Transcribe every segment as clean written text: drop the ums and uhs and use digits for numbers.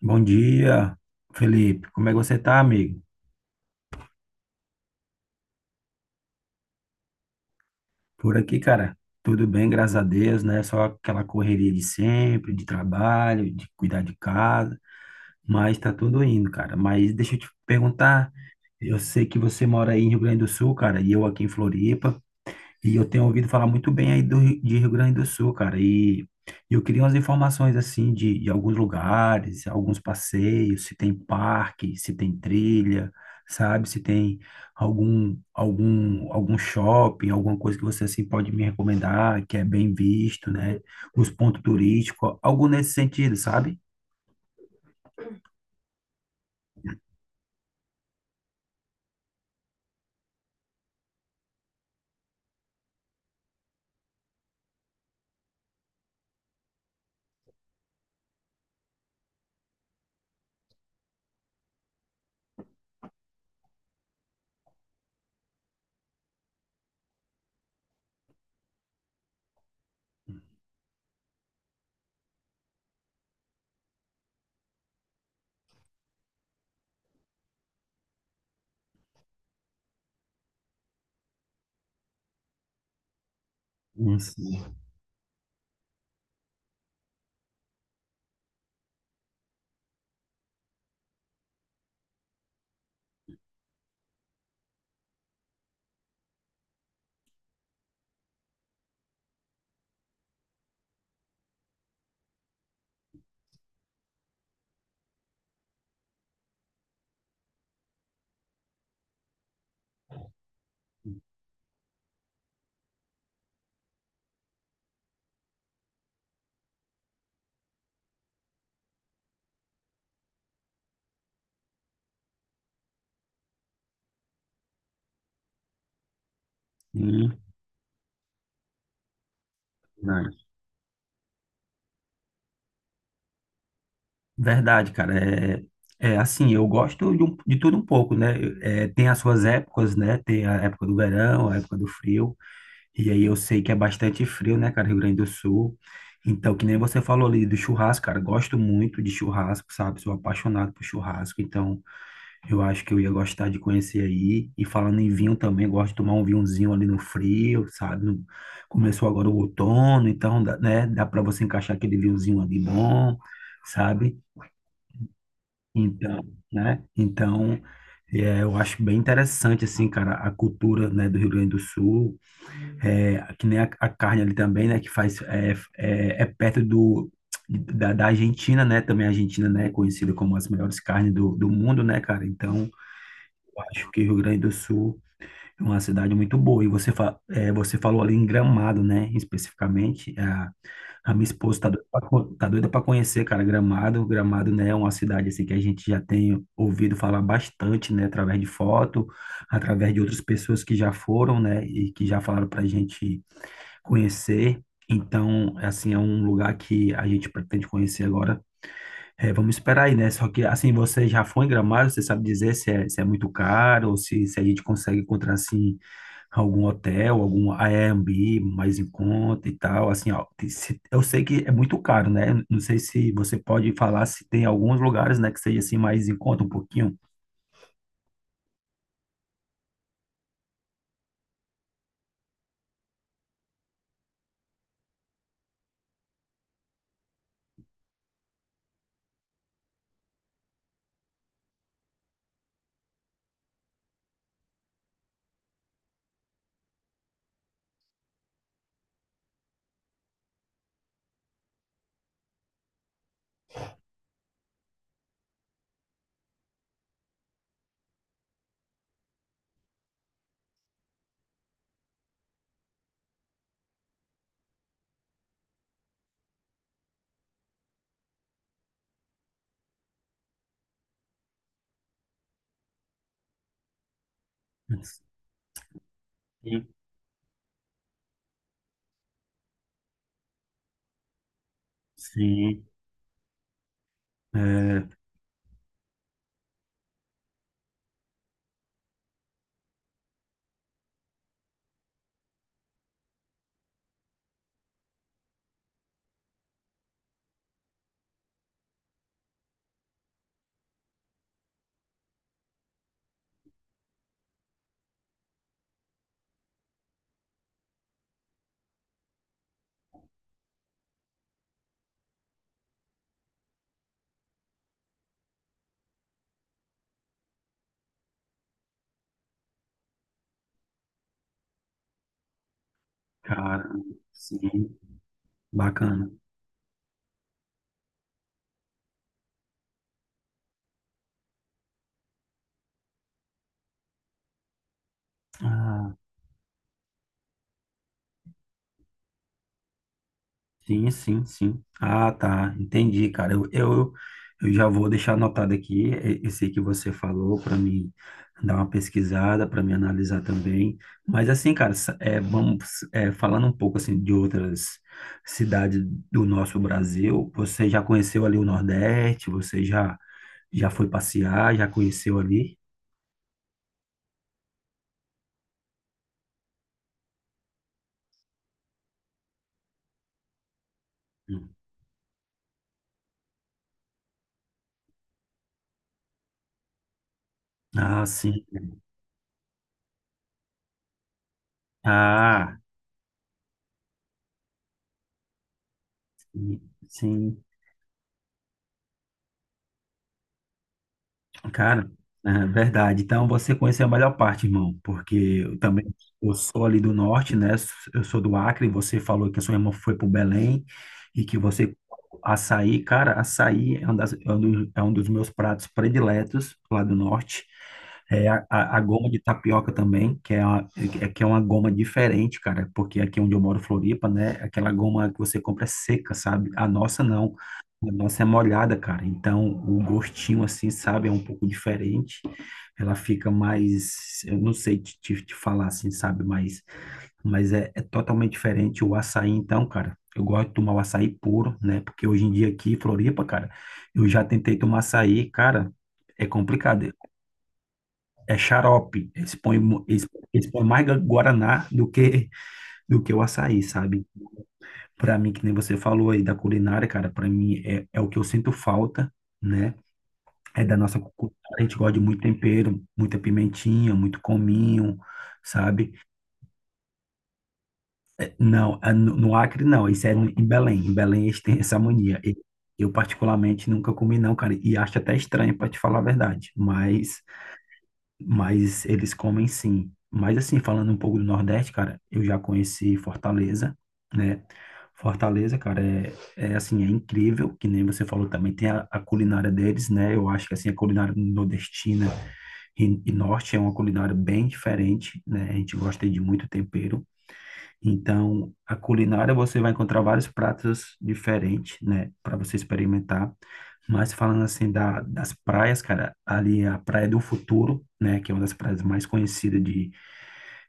Bom dia, Felipe. Como é que você tá, amigo? Por aqui, cara, tudo bem, graças a Deus, né? Só aquela correria de sempre, de trabalho, de cuidar de casa, mas tá tudo indo, cara. Mas deixa eu te perguntar, eu sei que você mora aí em Rio Grande do Sul, cara, e eu aqui em Floripa. E eu tenho ouvido falar muito bem aí de Rio Grande do Sul, cara. E eu queria umas informações, assim, de alguns lugares, alguns passeios, se tem parque, se tem trilha, sabe? Se tem algum shopping, alguma coisa que você, assim, pode me recomendar, que é bem visto, né? Os pontos turísticos, algo nesse sentido, sabe? Hum. Sim. Sim. Verdade, cara. É, assim, eu gosto de tudo um pouco, né? É, tem as suas épocas, né? Tem a época do verão, a época do frio. E aí eu sei que é bastante frio, né, cara, Rio Grande do Sul. Então, que nem você falou ali do churrasco, cara. Gosto muito de churrasco, sabe? Sou apaixonado por churrasco. Então, eu acho que eu ia gostar de conhecer aí. E falando em vinho também, gosto de tomar um vinhozinho ali no frio, sabe? Começou agora o outono, então, né? Dá para você encaixar aquele vinhozinho ali bom, sabe? Então, né? Então, eu acho bem interessante, assim, cara, a cultura, né, do Rio Grande do Sul, que nem a carne ali também, né, que faz, perto da Argentina, né, também a Argentina, né, é conhecida como as melhores carnes do mundo, né, cara, então, eu acho que o Rio Grande do Sul é uma cidade muito boa. E você, você falou ali em Gramado, né? Especificamente. A minha esposa tá doida para conhecer, cara, Gramado. Gramado, né, é uma cidade assim que a gente já tem ouvido falar bastante, né? Através de foto, através de outras pessoas que já foram, né? E que já falaram pra gente conhecer. Então, assim, é um lugar que a gente pretende conhecer agora, vamos esperar aí, né? Só que assim, você já foi em Gramado, você sabe dizer se é, muito caro ou se a gente consegue encontrar assim algum hotel, algum Airbnb mais em conta e tal, assim, ó, eu sei que é muito caro, né? Não sei se você pode falar se tem alguns lugares, né, que seja assim mais em conta um pouquinho. Sim, sim, é, cara, sim, bacana. Sim, sim, sim. Ah, tá. Entendi, cara. Eu já vou deixar anotado aqui, esse que você falou para mim dar uma pesquisada, para me analisar também. Mas assim, cara, falando um pouco assim de outras cidades do nosso Brasil, você já conheceu ali o Nordeste? Você já foi passear? Já conheceu ali? Hum. Ah, sim. Ah, sim. Cara, é verdade. Então você conheceu a melhor parte, irmão, porque eu também, eu sou ali do norte, né? Eu sou do Acre. Você falou que a sua irmã foi pro Belém e que você açaí, cara, açaí é um, das, é um dos meus pratos prediletos lá do norte. É a goma de tapioca também, é que é uma goma diferente, cara, porque aqui onde eu moro, Floripa, né? Aquela goma que você compra é seca, sabe? A nossa não. A nossa é molhada, cara. Então, o gostinho, assim, sabe, é um pouco diferente. Ela fica mais, eu não sei te falar assim, sabe, mas, mas é totalmente diferente o açaí, então, cara. Eu gosto de tomar o açaí puro, né? Porque hoje em dia aqui, em Floripa, cara, eu já tentei tomar açaí, cara, é complicado. É xarope. Eles põem mais guaraná do que o açaí, sabe? Pra mim, que nem você falou aí da culinária, cara, pra mim é o que eu sinto falta, né? É da nossa cultura, a gente gosta de muito tempero, muita pimentinha, muito cominho, sabe? Não, no Acre não, isso é em Belém. Em Belém eles têm essa mania. Eu particularmente nunca comi não, cara, e acho até estranho para te falar a verdade, mas eles comem sim. Mas assim, falando um pouco do Nordeste, cara, eu já conheci Fortaleza, né? Fortaleza, cara, é assim, é incrível, que nem você falou também, tem a culinária deles, né? Eu acho que assim, a culinária nordestina e norte é uma culinária bem diferente, né? A gente gosta de muito tempero. Então, a culinária você vai encontrar vários pratos diferentes, né? Para você experimentar. Mas falando assim das praias, cara, ali é a Praia do Futuro, né? Que é uma das praias mais conhecidas de,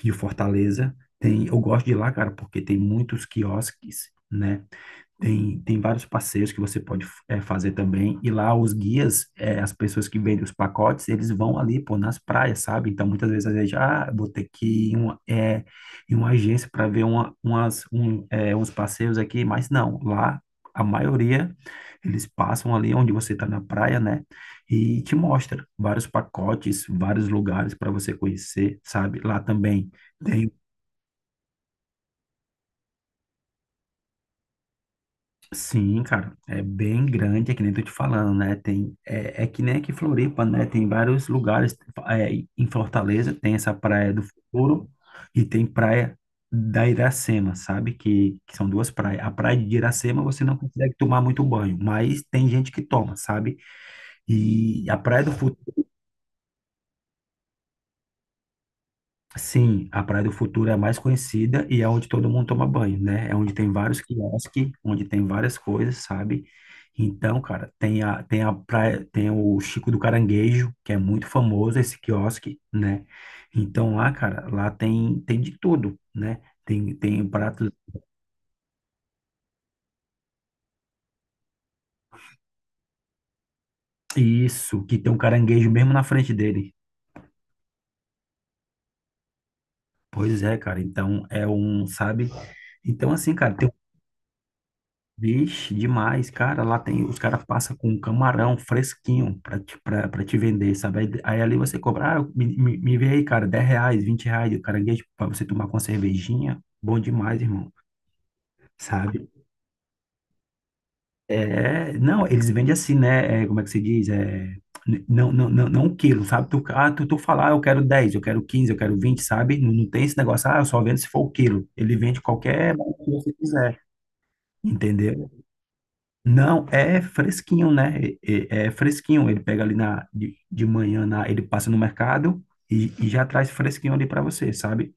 de Fortaleza. Eu gosto de ir lá, cara, porque tem muitos quiosques, né? Tem vários passeios que você pode, fazer também. E lá os guias, as pessoas que vendem os pacotes, eles vão ali, pô, nas praias, sabe? Então, muitas vezes a gente, ah, vou ter que ir em uma, é, em uma agência para ver uma, umas, um, é, uns passeios aqui, mas não, lá a maioria eles passam ali onde você está na praia, né? E te mostra vários pacotes, vários lugares para você conhecer, sabe? Lá também. Tem Sim, cara, é bem grande, é que nem tô te falando, né? É que nem aqui em Floripa, né? Tem vários lugares, é, em Fortaleza tem essa Praia do Futuro e tem Praia da Iracema, sabe? Que são duas praias. A Praia de Iracema você não consegue tomar muito banho, mas tem gente que toma, sabe? E a Praia do Futuro Sim, a Praia do Futuro é a mais conhecida e é onde todo mundo toma banho, né? É onde tem vários quiosques, onde tem várias coisas, sabe? Então, cara, tem a praia, tem o Chico do Caranguejo, que é muito famoso esse quiosque, né? Então lá, cara, lá tem de tudo, né? Tem pratos, isso, que tem um caranguejo mesmo na frente dele. Pois é, cara, então é um, sabe? Então, assim, cara, tem Vixe, demais, cara. Lá os caras passam com um camarão fresquinho pra te vender, sabe? Aí ali você cobra, ah, me vê aí, cara, R$ 10, R$ 20 de caranguejo pra você tomar com uma cervejinha. Bom demais, irmão, sabe? É, não, eles vendem assim, né? É, como é que se diz? É, não, não, não, não um quilo, sabe? Tu falar, eu quero 10, eu quero 15, eu quero 20, sabe? Não, não tem esse negócio, ah, eu só vendo se for o quilo. Ele vende qualquer valor que você quiser, entendeu? Não, é fresquinho, né? É, é fresquinho. Ele pega ali de manhã, ele passa no mercado e já traz fresquinho ali para você, sabe?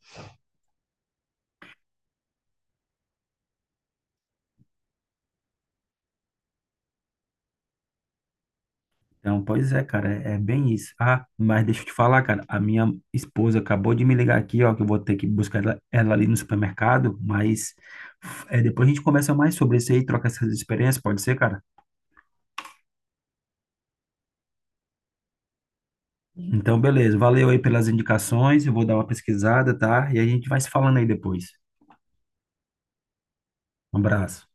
Então, pois é, cara, é bem isso. Ah, mas deixa eu te falar, cara, a minha esposa acabou de me ligar aqui, ó, que eu vou ter que buscar ela, ali no supermercado, mas depois a gente conversa mais sobre isso aí, troca essas experiências, pode ser, cara? Então, beleza, valeu aí pelas indicações, eu vou dar uma pesquisada, tá? E a gente vai se falando aí depois. Um abraço.